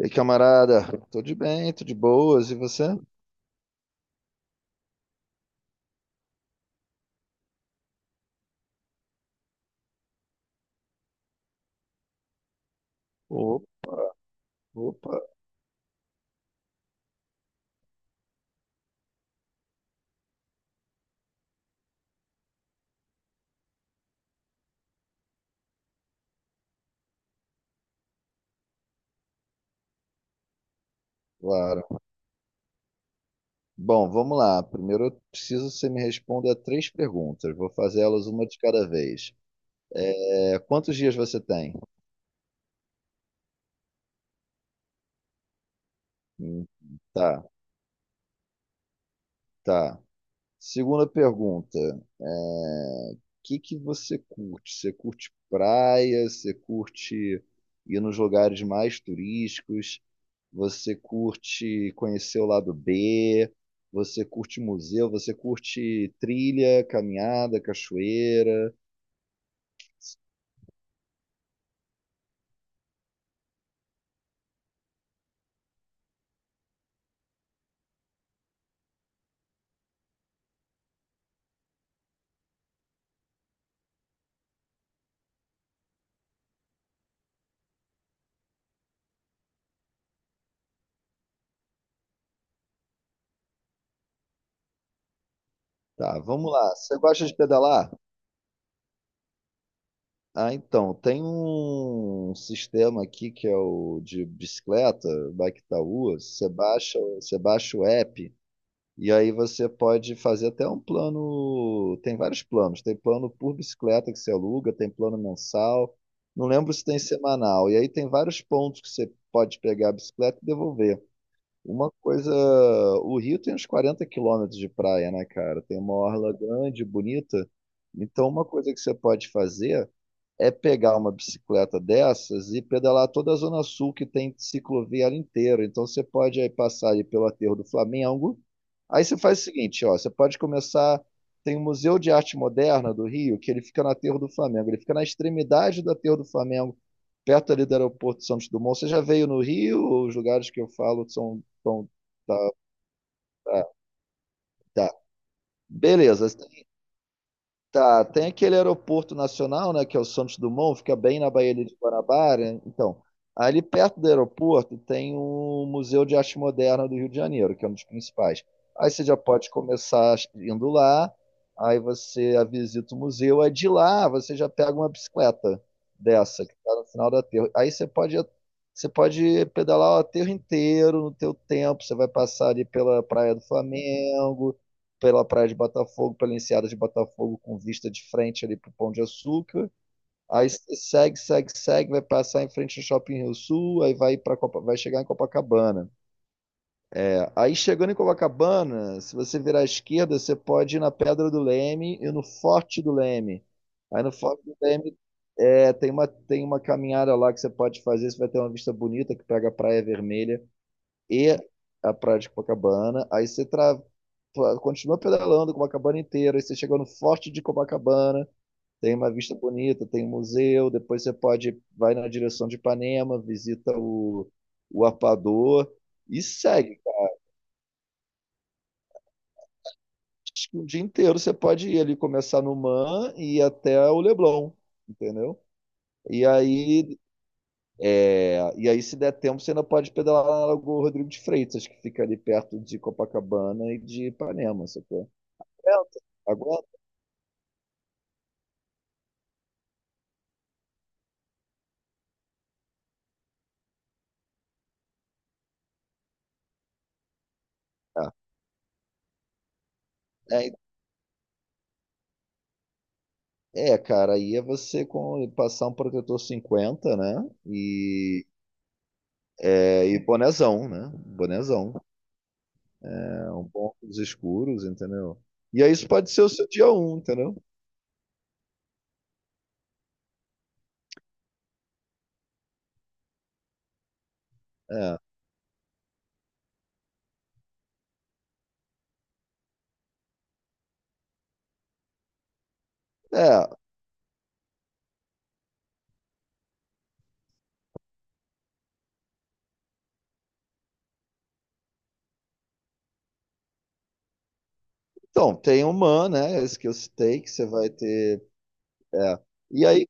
E aí, camarada? Tô de bem, tô de boas, e você? O- Opa, claro. Bom, vamos lá. Primeiro eu preciso que você me responda três perguntas. Vou fazer elas uma de cada vez. É, quantos dias você tem? Hum, tá, tá. Segunda pergunta. O que que você curte? Você curte praia? Você curte ir nos lugares mais turísticos? Você curte conhecer o lado B, você curte museu, você curte trilha, caminhada, cachoeira. Tá, vamos lá. Você gosta de pedalar? Ah, então, tem um sistema aqui que é o de bicicleta, Bike Itaú. Você baixa o app. E aí você pode fazer até um plano. Tem vários planos. Tem plano por bicicleta que você aluga, tem plano mensal. Não lembro se tem semanal. E aí tem vários pontos que você pode pegar a bicicleta e devolver. Uma coisa, o Rio tem uns 40 quilômetros de praia, né, cara? Tem uma orla grande, bonita. Então, uma coisa que você pode fazer é pegar uma bicicleta dessas e pedalar toda a Zona Sul que tem ciclovia ali inteira. Então você pode aí passar ali pelo aterro do Flamengo. Aí você faz o seguinte, ó, você pode começar. Tem o Museu de Arte Moderna do Rio, que ele fica no aterro do Flamengo. Ele fica na extremidade do aterro do Flamengo, perto ali do aeroporto de Santos Dumont. Você já veio no Rio? Os lugares que eu falo são tão, tá, tá. Beleza. Tá, tem aquele aeroporto nacional, né, que é o Santos Dumont, fica bem na Baía de Guanabara. Então, ali perto do aeroporto tem o Museu de Arte Moderna do Rio de Janeiro, que é um dos principais. Aí você já pode começar indo lá, aí você visita o museu, aí de lá você já pega uma bicicleta dessa, que está no final da aterro. Você pode pedalar o aterro inteiro no teu tempo, você vai passar ali pela Praia do Flamengo, pela praia de Botafogo, pela enseada de Botafogo, com vista de frente ali pro Pão de Açúcar. Aí você segue, segue, segue, vai passar em frente ao Shopping Rio Sul, aí vai para vai chegar em Copacabana. É, aí chegando em Copacabana, se você virar à esquerda, você pode ir na Pedra do Leme e no Forte do Leme. Aí no Forte do Leme é, tem uma caminhada lá que você pode fazer, você vai ter uma vista bonita que pega a Praia Vermelha e a Praia de Copacabana. Continua pedalando Copacabana inteira, aí você chega no Forte de Copacabana, tem uma vista bonita, tem um museu, depois você pode vai na direção de Ipanema, visita o Arpador e segue. Acho que o dia inteiro você pode ir ali começar no Man e ir até o Leblon, entendeu? E aí, é, e aí, se der tempo, você ainda pode pedalar lá na Lagoa Rodrigo de Freitas, que fica ali perto de Copacabana e de Ipanema, sacou? Aguenta, aguenta. É, É, cara, aí é você passar um protetor 50, né? E, é, e bonezão, né? Bonezão. É, um bom óculos escuros, entendeu? E aí isso pode ser o seu dia 1, entendeu? É. É, então, tem o Man, né? Esse que eu citei, que você vai ter. É. E aí,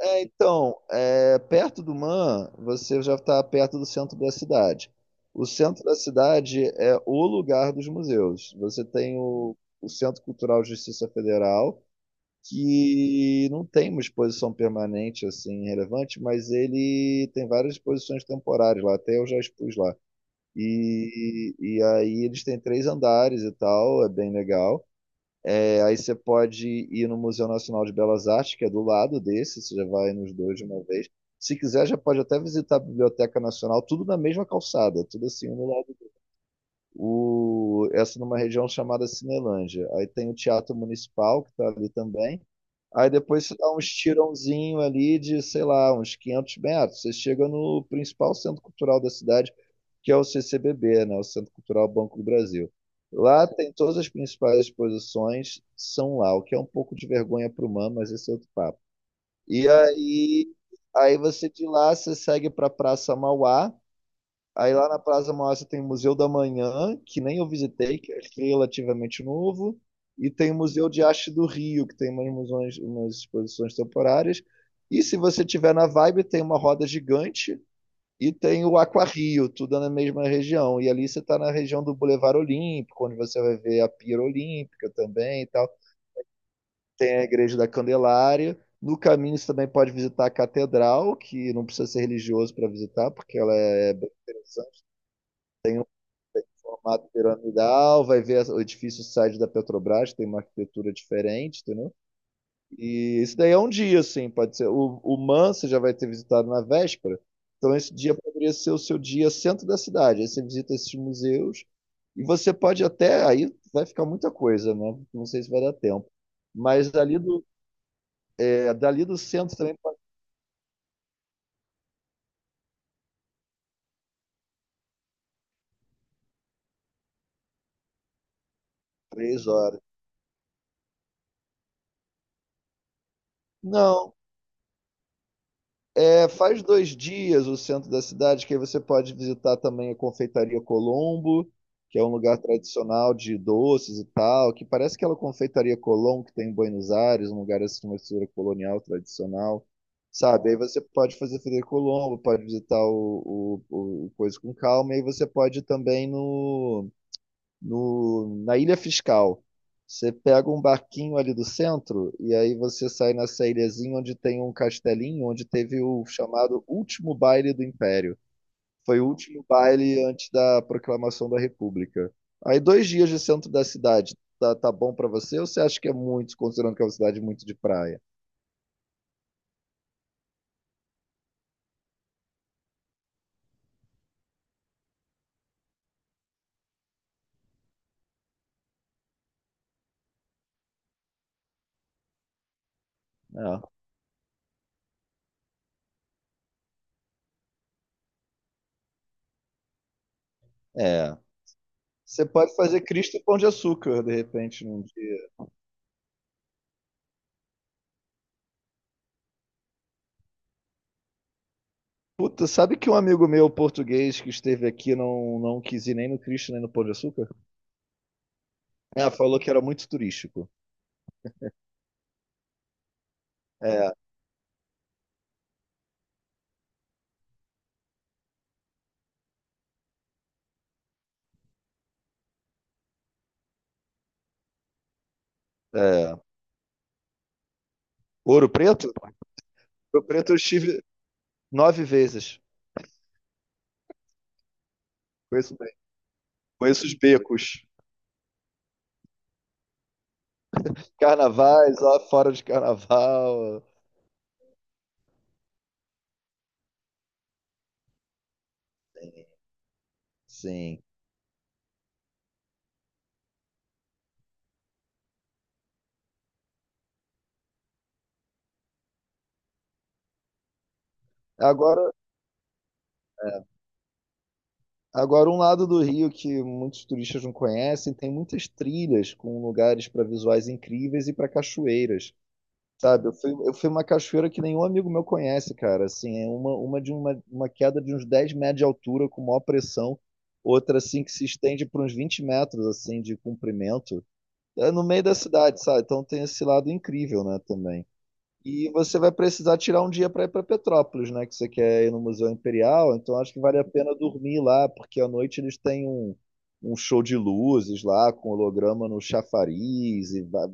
é, então, é, perto do Man, você já está perto do centro da cidade. O centro da cidade é o lugar dos museus. Você tem o Centro Cultural de Justiça Federal, que não tem uma exposição permanente assim relevante, mas ele tem várias exposições temporárias lá, até eu já expus lá. E aí eles têm três andares e tal, é bem legal. É, aí você pode ir no Museu Nacional de Belas Artes, que é do lado desse, você já vai nos dois de uma vez. Se quiser, já pode até visitar a Biblioteca Nacional, tudo na mesma calçada, tudo assim, um do lado. Do O, essa numa região chamada Cinelândia. Aí tem o Teatro Municipal, que está ali também. Aí depois você dá uns tirãozinho ali de, sei lá, uns 500 metros. Você chega no principal centro cultural da cidade, que é o CCBB, né? O Centro Cultural Banco do Brasil. Lá tem todas as principais exposições, são lá, o que é um pouco de vergonha para o humano, mas esse é outro papo. E aí, aí você de lá, você segue para a Praça Mauá. Aí lá na Praça Mauá tem o Museu da Manhã, que nem eu visitei, que é relativamente novo, e tem o Museu de Arte do Rio, que tem umas, umas exposições temporárias. E se você tiver na vibe, tem uma roda gigante e tem o Aquarrio, tudo na mesma região. E ali você está na região do Boulevard Olímpico, onde você vai ver a Pira Olímpica também e tal. Tem a Igreja da Candelária. No caminho você também pode visitar a Catedral, que não precisa ser religioso para visitar, porque ela é bem interessante, formato piramidal, vai ver o edifício site da Petrobras, tem uma arquitetura diferente, entendeu? E isso daí é um dia, assim, pode ser. O Man você já vai ter visitado na véspera, então esse dia poderia ser o seu dia centro da cidade. Aí você visita esses museus e você pode até, aí vai ficar muita coisa, né? Não sei se vai dar tempo. Mas é, dali do centro também para 3 horas. Não, é, faz 2 dias o centro da cidade, que aí você pode visitar também a Confeitaria Colombo, que é um lugar tradicional de doces e tal, que parece aquela Confeitaria Colombo que tem em Buenos Aires, um lugar assim, uma estrutura colonial tradicional, sabe? Aí você pode fazer Frederico Colombo, pode visitar o Coisa com Calma, e aí você pode ir também no no, na Ilha Fiscal. Você pega um barquinho ali do centro e aí você sai nessa ilhazinha onde tem um castelinho, onde teve o chamado último baile do Império. Foi o último baile antes da proclamação da República. Aí 2 dias de centro da cidade, tá, tá bom pra você? Ou você acha que é muito, considerando que é uma cidade muito de praia? É. É. Você pode fazer Cristo e Pão de Açúcar, de repente, num dia. Puta, sabe que um amigo meu português que esteve aqui não quis ir nem no Cristo nem no Pão de Açúcar? É, falou que era muito turístico. É, é. Ouro Preto? Ouro Preto eu estive nove vezes. Conheço bem. Conheço os becos. Carnavais, lá fora de carnaval. Sim. Agora, agora, um lado do Rio que muitos turistas não conhecem, tem muitas trilhas com lugares para visuais incríveis e para cachoeiras. Sabe, eu fui uma cachoeira que nenhum amigo meu conhece, cara. Assim, é uma, uma queda de uns 10 metros de altura com maior pressão, outra assim que se estende por uns 20 metros assim de comprimento. É no meio da cidade, sabe? Então tem esse lado incrível, né, também. E você vai precisar tirar um dia para ir para Petrópolis, né, que você quer ir no Museu Imperial, então acho que vale a pena dormir lá, porque à noite eles têm um show de luzes lá com holograma no chafariz e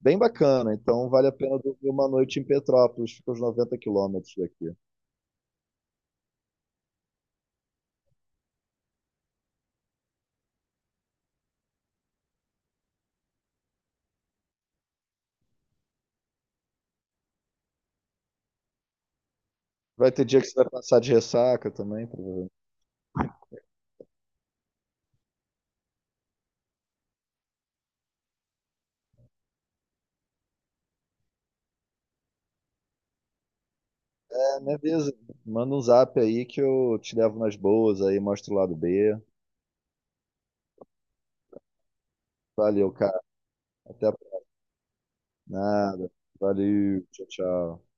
Bem bacana, então vale a pena dormir uma noite em Petrópolis, fica uns 90 quilômetros daqui. Vai ter dia que você vai passar de ressaca também, provavelmente. É, me avisa, manda um zap aí que eu te levo nas boas aí, mostro o lado B. Valeu, cara. Até a... nada. Valeu, tchau, tchau.